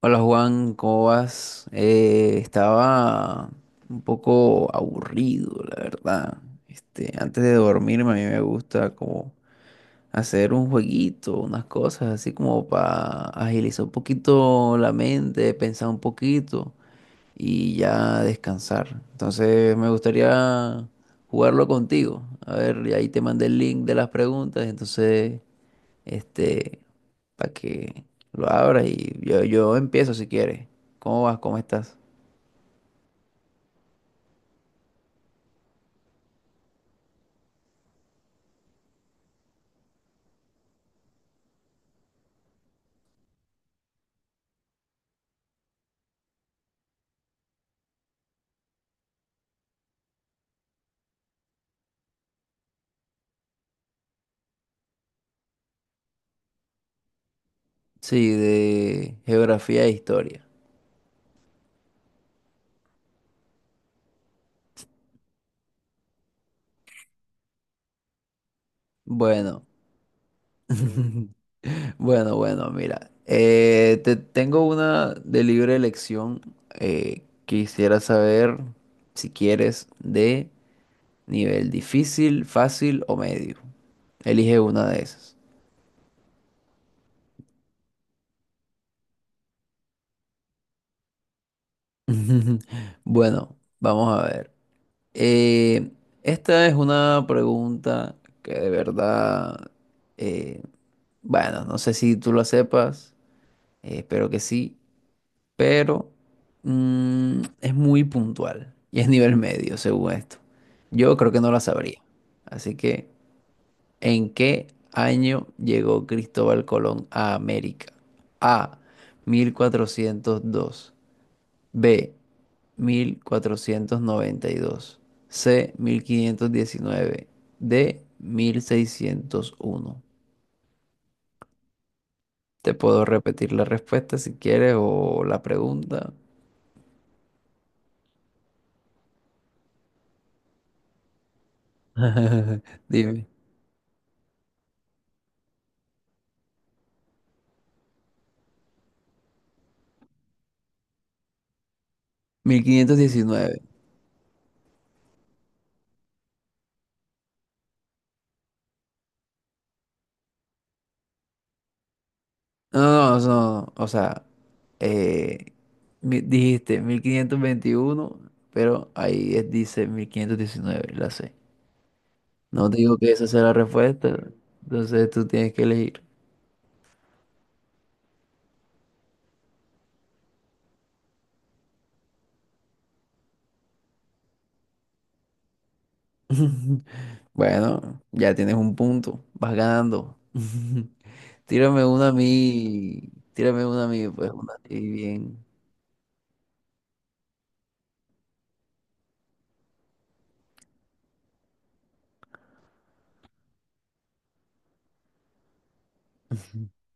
Hola Juan, ¿cómo vas? Estaba un poco aburrido, la verdad. Antes de dormirme a mí me gusta como hacer un jueguito, unas cosas así como para agilizar un poquito la mente, pensar un poquito y ya descansar. Entonces me gustaría jugarlo contigo. A ver, y ahí te mandé el link de las preguntas, entonces este, para que lo abras y yo empiezo si quieres. ¿Cómo vas? ¿Cómo estás? Sí, de geografía e historia. Bueno, bueno, bueno, mira, te tengo una de libre elección. Quisiera saber si quieres de nivel difícil, fácil o medio. Elige una de esas. Bueno, vamos a ver. Eh, esta es una pregunta que de verdad, eh, bueno, no sé si tú la sepas, espero que sí, pero es muy puntual y es nivel medio, según esto. Yo creo que no la sabría. Así que, ¿en qué año llegó Cristóbal Colón a América? A, 1402. B, 1492. C, 1519. D, 1601. Te puedo repetir la respuesta si quieres o la pregunta. Dime. 1519. No, no, no, no, no. O sea, eh, dijiste 1521, pero dice 1519. La C. No digo que esa sea la respuesta, entonces tú tienes que elegir. Bueno, ya tienes un punto, vas ganando. Tírame una a mí, tírame una a mí, pues una a ti bien.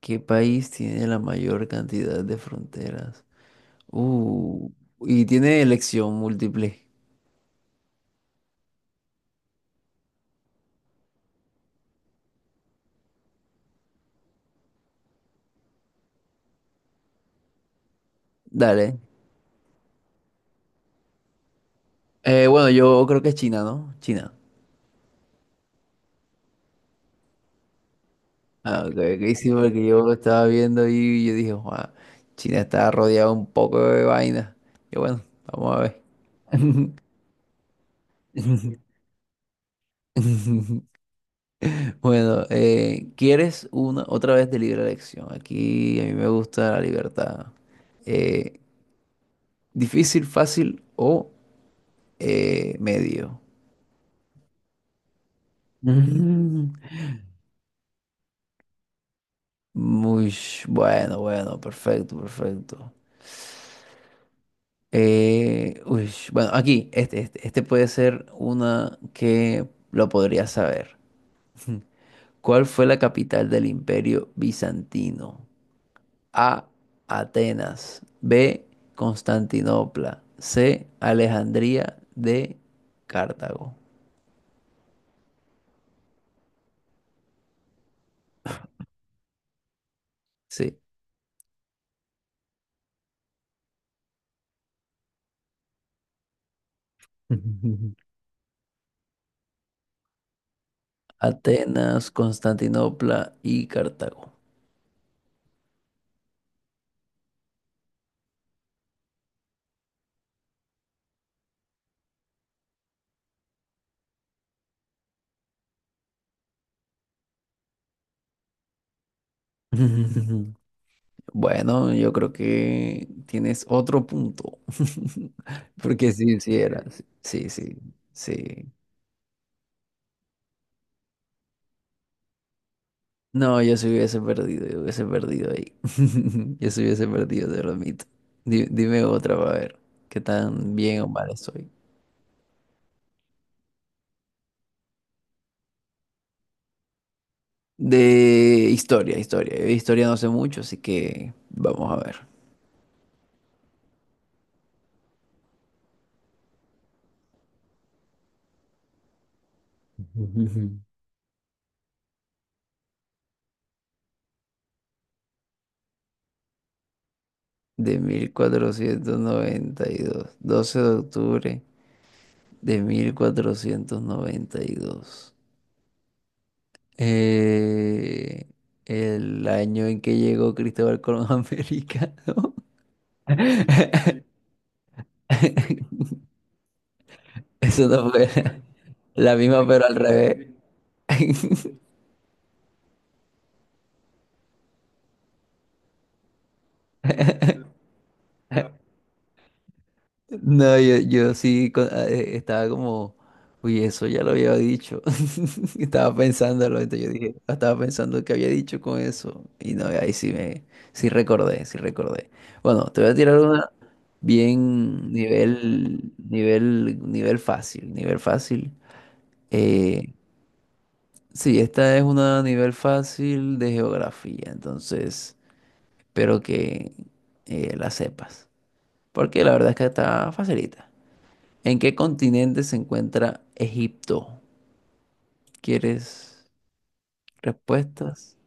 ¿Qué país tiene la mayor cantidad de fronteras? Uh, y tiene elección múltiple. Dale. Bueno, yo creo que es China, ¿no? China. Ah, ok, ok, sí, porque yo lo estaba viendo y yo dije, "Guau, China está rodeada un poco de vaina. Y bueno, vamos a ver." Bueno, ¿quieres una otra vez de libre elección? Aquí a mí me gusta la libertad. Eh, ¿Difícil, fácil o medio? Mm. Muy bueno, perfecto, perfecto. Bueno, aquí, este puede ser una que lo podría saber. ¿Cuál fue la capital del Imperio Bizantino? A, Atenas. B, Constantinopla. C, Alejandría. D, Cartago. Sí. Atenas, Constantinopla y Cartago. Bueno, yo creo que tienes otro punto. Porque si sí, era. Sí, sí, sí. Sí. No, yo se hubiese perdido, yo hubiese perdido ahí. Yo se hubiese perdido, te lo admito. Dime otra, para ver qué tan bien o mal estoy. De historia, historia. Historia no sé mucho, así que vamos a ver. Ujú. De 1492, 12 de octubre de 1492. Eh, el año en que llegó Cristóbal Colón a América, ¿no? Eso no fue la misma, pero al revés. No, yo estaba como, uy, eso ya lo había dicho. Estaba pensándolo, entonces yo dije, ah, estaba pensando que había dicho con eso. Y no, sí recordé, sí recordé. Bueno, te voy a tirar una bien nivel fácil, nivel fácil. Eh, sí, esta es una nivel fácil de geografía, entonces espero que la sepas. Porque la verdad es que está facilita. ¿En qué continente se encuentra Egipto? ¿Quieres respuestas?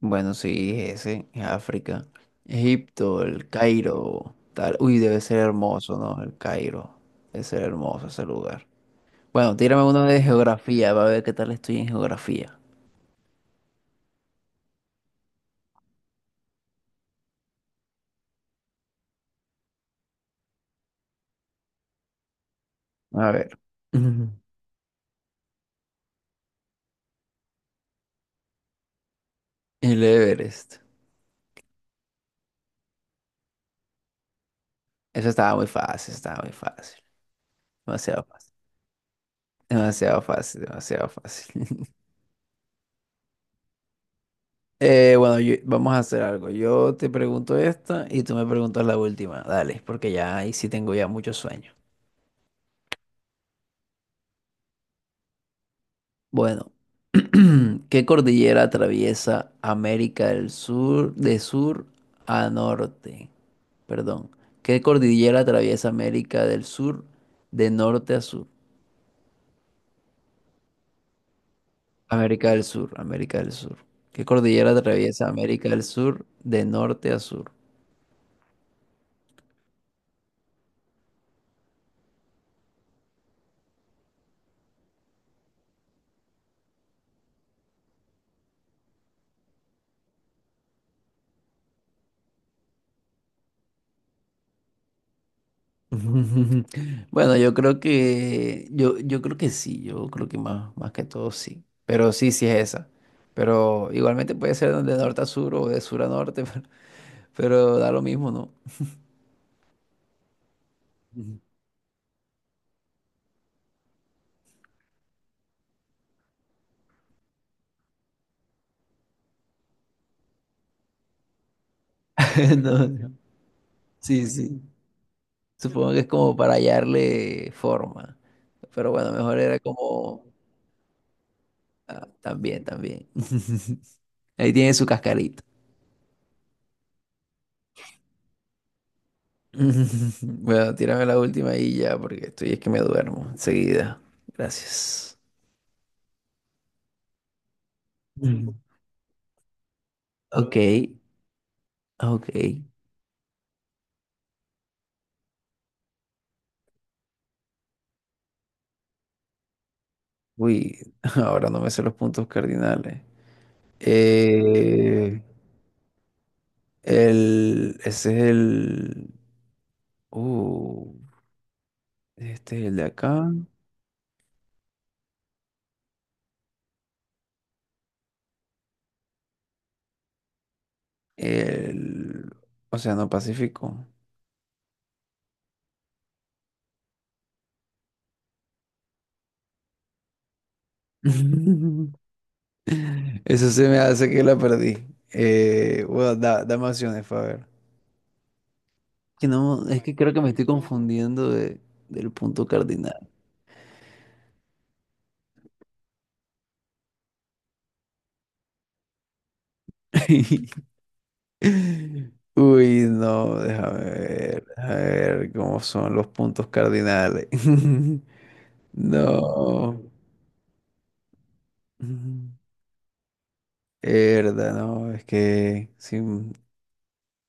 Bueno, sí, ese es África. Egipto, el Cairo, tal. Uy, debe ser hermoso, ¿no? El Cairo. Debe ser hermoso ese lugar. Bueno, tírame uno de geografía, va a ver qué tal estoy en geografía. A ver. Ujú. El Everest. Eso estaba muy fácil, estaba muy fácil. Demasiado fácil. Demasiado fácil, demasiado fácil. Vamos a hacer algo. Yo te pregunto esta y tú me preguntas la última. Dale, porque ya ahí sí tengo ya mucho sueño. Bueno, ¿qué cordillera atraviesa América del Sur de sur a norte? Perdón. ¿Qué cordillera atraviesa América del Sur de norte a sur? América del Sur, América del Sur. ¿Qué cordillera atraviesa América del Sur de norte a sur? Bueno, yo creo que yo creo que sí, yo creo que más, más que todo sí. Pero sí, sí es esa. Pero igualmente puede ser de norte a sur o de sur a norte, pero da lo mismo, ¿no? Ujú. No, no. Sí, sí. Supongo que es como para hallarle forma. Pero bueno, mejor era como ah, también, también. Ahí tiene su cascarita. Bueno, tírame la última y ya, porque estoy es que me duermo enseguida. Gracias. Ok, ok. Uy, ahora no me sé los puntos cardinales. Eh, el, ese es el... Uh, este es el de acá. El Océano Pacífico. Eso se me hace que la perdí. Dame opciones, para ver. Que no, es que creo que me estoy confundiendo de- del punto cardinal. Uy, no, déjame ver, a ver cómo son los puntos cardinales. No. Verdad, no, es que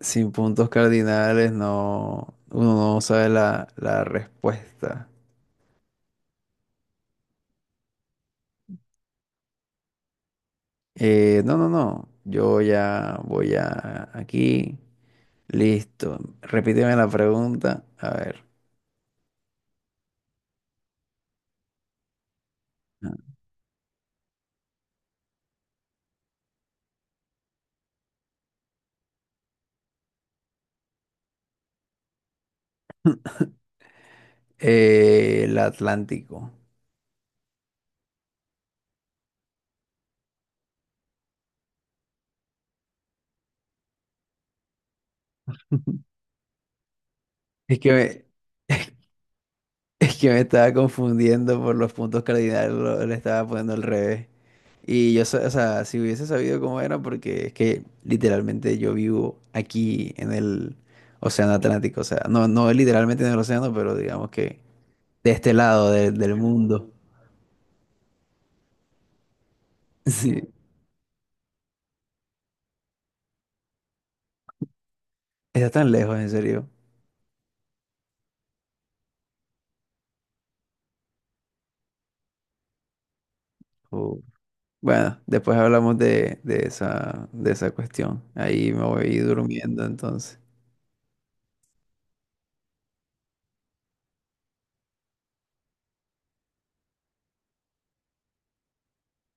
sin puntos cardinales no, uno no sabe la respuesta. No, no, no, yo ya voy a aquí. Listo. Repíteme la pregunta. A ver. Ah. El Atlántico. Es que me- Es que me estaba confundiendo por los puntos cardinales, le estaba poniendo al revés. Y yo, o sea, si hubiese sabido cómo era, porque es que literalmente yo vivo aquí en el Océano Atlántico, o sea, no, no literalmente en el océano, pero digamos que de este lado del mundo. Sí, está tan lejos, en serio. Oh. Bueno, después hablamos de esa cuestión. Ahí me voy durmiendo, entonces.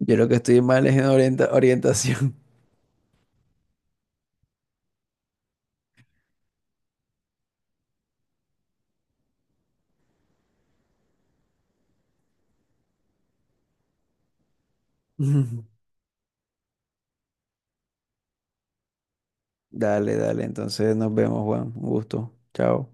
Yo lo que estoy mal es en orientación. Dale, dale. Entonces nos vemos, Juan. Un gusto. Chao.